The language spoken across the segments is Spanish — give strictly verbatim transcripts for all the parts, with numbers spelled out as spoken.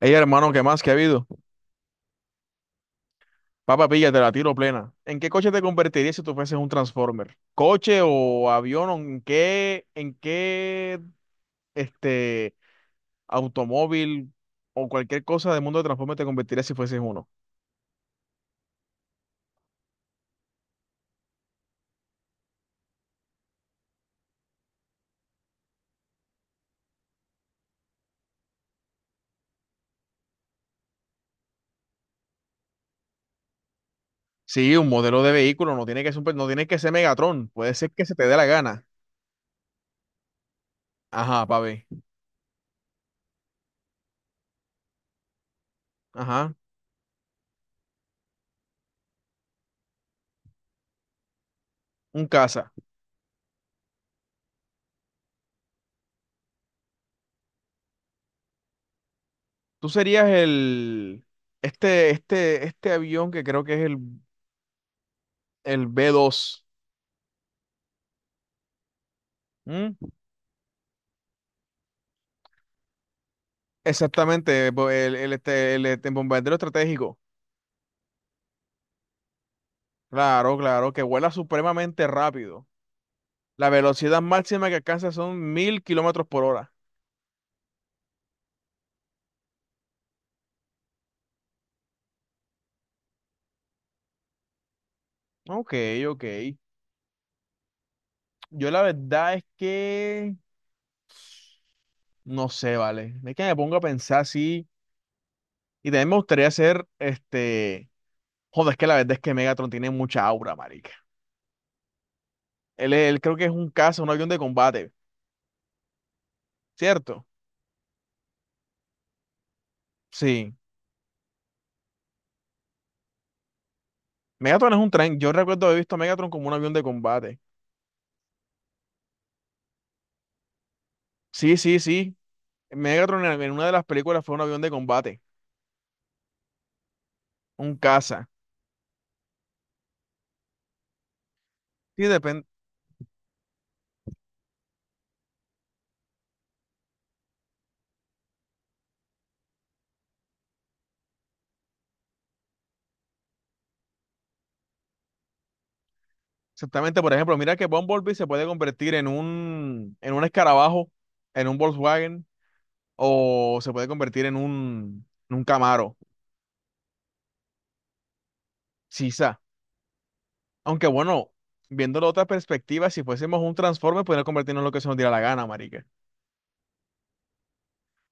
Ey, hermano, ¿qué más que ha habido? Papá, pilla, te la tiro plena. ¿En qué coche te convertirías si tú fueses un Transformer? ¿Coche o avión? ¿O en qué, en qué, este, automóvil o cualquier cosa del mundo de Transformer te convertirías si fueses uno? Sí, un modelo de vehículo, no tiene que ser, un pe- no tiene que ser Megatron, puede ser que se te dé la gana. Ajá, papi. Ajá, un caza. Tú serías el, este, este, este avión que creo que es el, el b dos. ¿Mm? Exactamente, bo- el, el, este, el, este bombardero estratégico. Claro, claro, que vuela supremamente rápido. La velocidad máxima que alcanza son mil kilómetros por hora. Ok, ok. Yo la verdad es que no sé, vale. Es que me pongo a pensar así. Y también me gustaría hacer este. Joder, es que la verdad es que Megatron tiene mucha aura, marica. Él, él creo que es un caza, un avión de combate. ¿Cierto? Sí. Megatron es un tren. Yo recuerdo haber visto a Megatron como un avión de combate. Sí, sí, sí. Megatron en, en una de las películas fue un avión de combate, un caza. Sí, depende. Exactamente, por ejemplo, mira que Bumblebee se puede convertir en un, en un escarabajo, en un Volkswagen, o se puede convertir en un, en un Camaro, quizá. Aunque bueno, viéndolo de otra perspectiva, si fuésemos un Transformer, podríamos convertirnos en lo que se nos diera la gana, marica.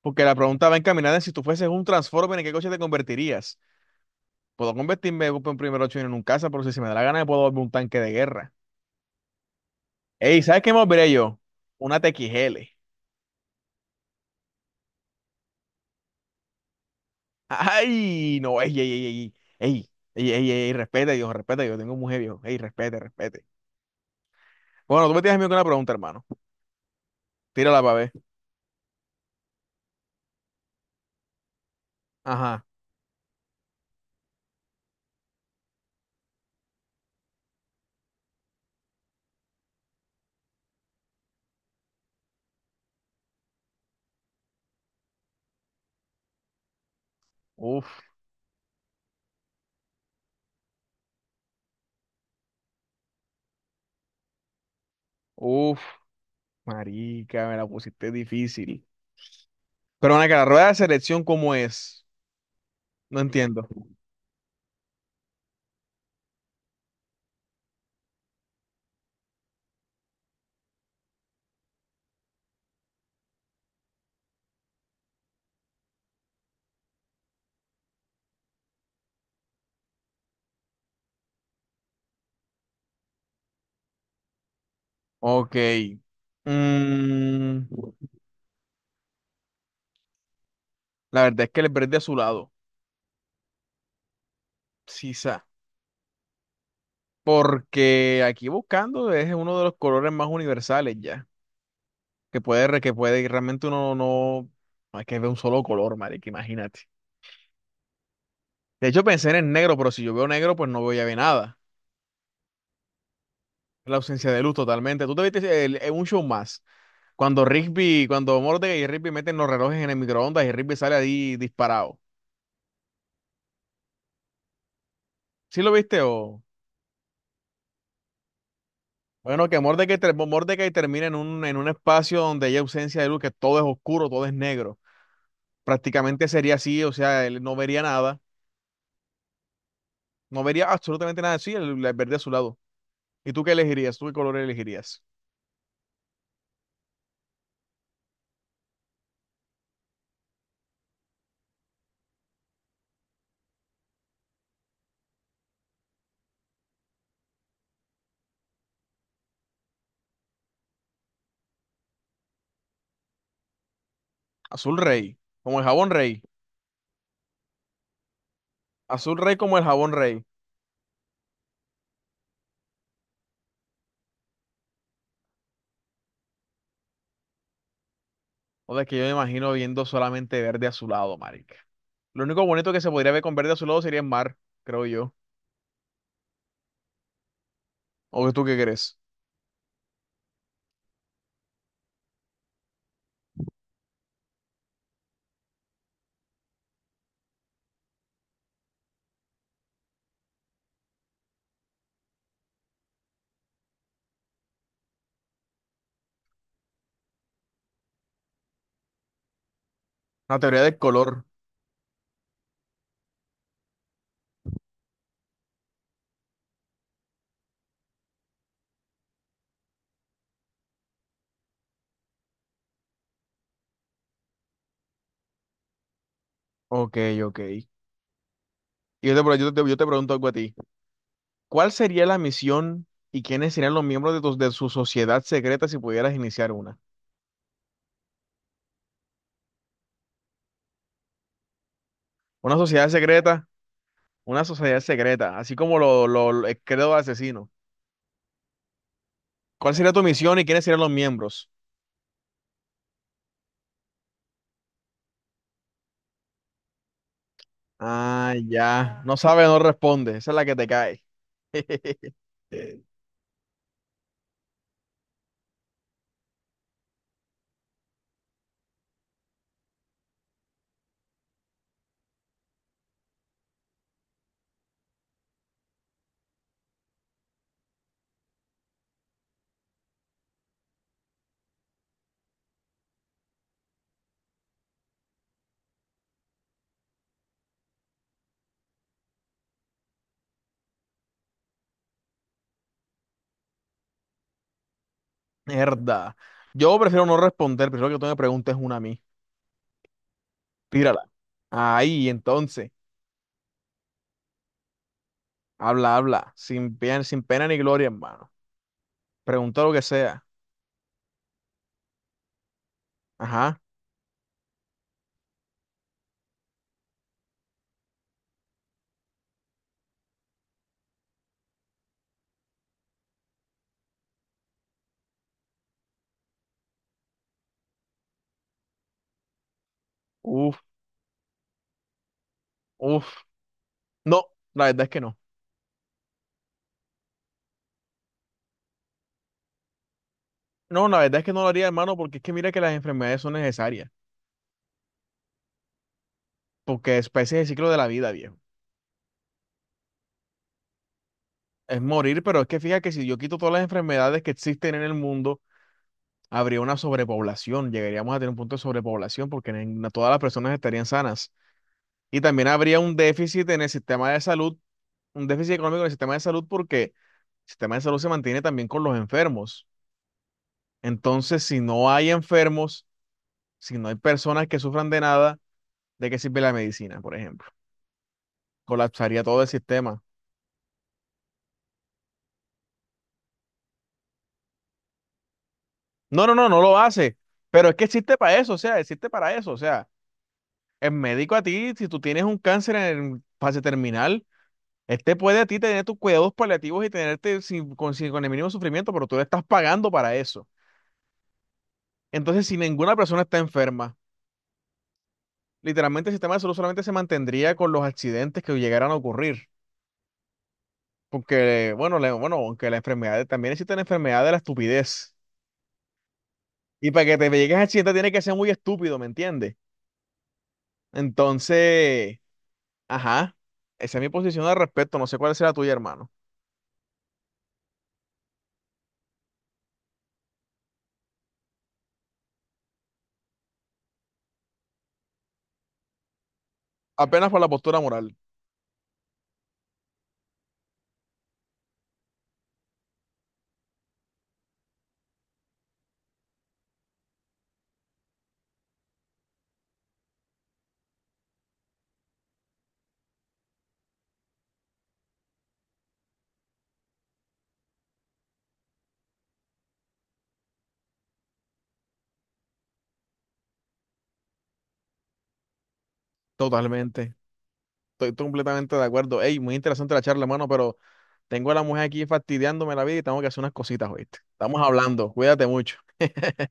Porque la pregunta va encaminada en si tú fueses un Transformer, ¿en qué coche te convertirías? Puedo convertirme en un primer ocho en un casa, pero si se me da la gana, me puedo volver un tanque de guerra. Ey, ¿sabes qué me volveré yo? Una T X L. Ay, no, ey, ey, ey, ey, ey, ey, ey, ey, respete, Dios, respete, yo tengo mujer, Dios. Ey, respete, respete. Bueno, tú me tienes miedo con una pregunta, hermano. Tírala para ver. Ajá. Uf, uf, marica, me la pusiste difícil. Pero bueno, que la rueda de selección, ¿cómo es? No entiendo. Ok. Mm, la verdad es que le perdí a su lado. Sí, porque aquí buscando es uno de los colores más universales ya. Que puede, re- que puede, y realmente uno no. No hay que ver un solo color, marica, imagínate. De hecho, pensé en el negro, pero si yo veo negro, pues no veo ya bien nada. La ausencia de luz totalmente. Tú te viste el- en un show más. Cuando Rigby, cuando Mordecai y Rigby meten los relojes en el microondas y Rigby sale ahí disparado. ¿Sí lo viste o? Bueno, que Mordecai, ter- Mordecai termina en un, en un espacio donde hay ausencia de luz, que todo es oscuro, todo es negro. Prácticamente sería así, o sea, él no vería nada. No vería absolutamente nada así, el, el verde azulado. ¿Y tú qué elegirías? ¿Tú qué color elegirías? Azul rey, como el jabón rey. Azul rey como el jabón rey. O sea, que yo me imagino viendo solamente verde azulado, marica. Lo único bonito que se podría ver con verde azulado sería el mar, creo yo. ¿O tú qué crees? La teoría del color. Ok, ok. Y yo te, pre- yo te, yo te pregunto algo a ti. ¿Cuál sería la misión y quiénes serían los miembros de, tu- de su sociedad secreta si pudieras iniciar una? Una sociedad secreta. Una sociedad secreta, así como lo, lo, lo- el credo asesino. ¿Cuál sería tu misión y quiénes serían los miembros? Ah, ya. No sabe, no responde. Esa es la que te cae. Mierda. Yo prefiero no responder, prefiero que tú me preguntes una a mí. Tírala. Ahí, entonces. Habla, habla. Sin pena, sin pena ni gloria, hermano. Pregunta lo que sea. Ajá. Uf, uf. No, la verdad es que no. No, la verdad es que no lo haría, hermano, porque es que mira que las enfermedades son necesarias. Porque es, ese es el ciclo de la vida, viejo. Es morir, pero es que fíjate que si yo quito todas las enfermedades que existen en el mundo, habría una sobrepoblación, llegaríamos a tener un punto de sobrepoblación porque en- no todas las personas estarían sanas. Y también habría un déficit en el sistema de salud, un déficit económico en el sistema de salud porque el sistema de salud se mantiene también con los enfermos. Entonces, si no hay enfermos, si no hay personas que sufran de nada, ¿de qué sirve la medicina, por ejemplo? Colapsaría todo el sistema. No, no, no, no lo hace, pero es que existe para eso, o sea, existe para eso, o sea. El médico a ti, si tú tienes un cáncer en fase terminal, este puede a ti tener tus cuidados paliativos y tenerte sin, con, sin- con el mínimo sufrimiento, pero tú le estás pagando para eso. Entonces, si ninguna persona está enferma, literalmente el sistema de salud solamente se mantendría con los accidentes que llegaran a ocurrir. Porque, bueno, le- bueno, aunque la enfermedad, también existe la enfermedad de la estupidez. Y para que te llegues a accidente tiene que ser muy estúpido, ¿me entiendes? Entonces, ajá, esa es mi posición al respecto. No sé cuál será la tuya, hermano. Apenas por la postura moral. Totalmente. Estoy completamente de acuerdo. Ey, muy interesante la charla, hermano, pero tengo a la mujer aquí fastidiándome la vida y tengo que hacer unas cositas, ¿oíste? Estamos hablando. Cuídate mucho.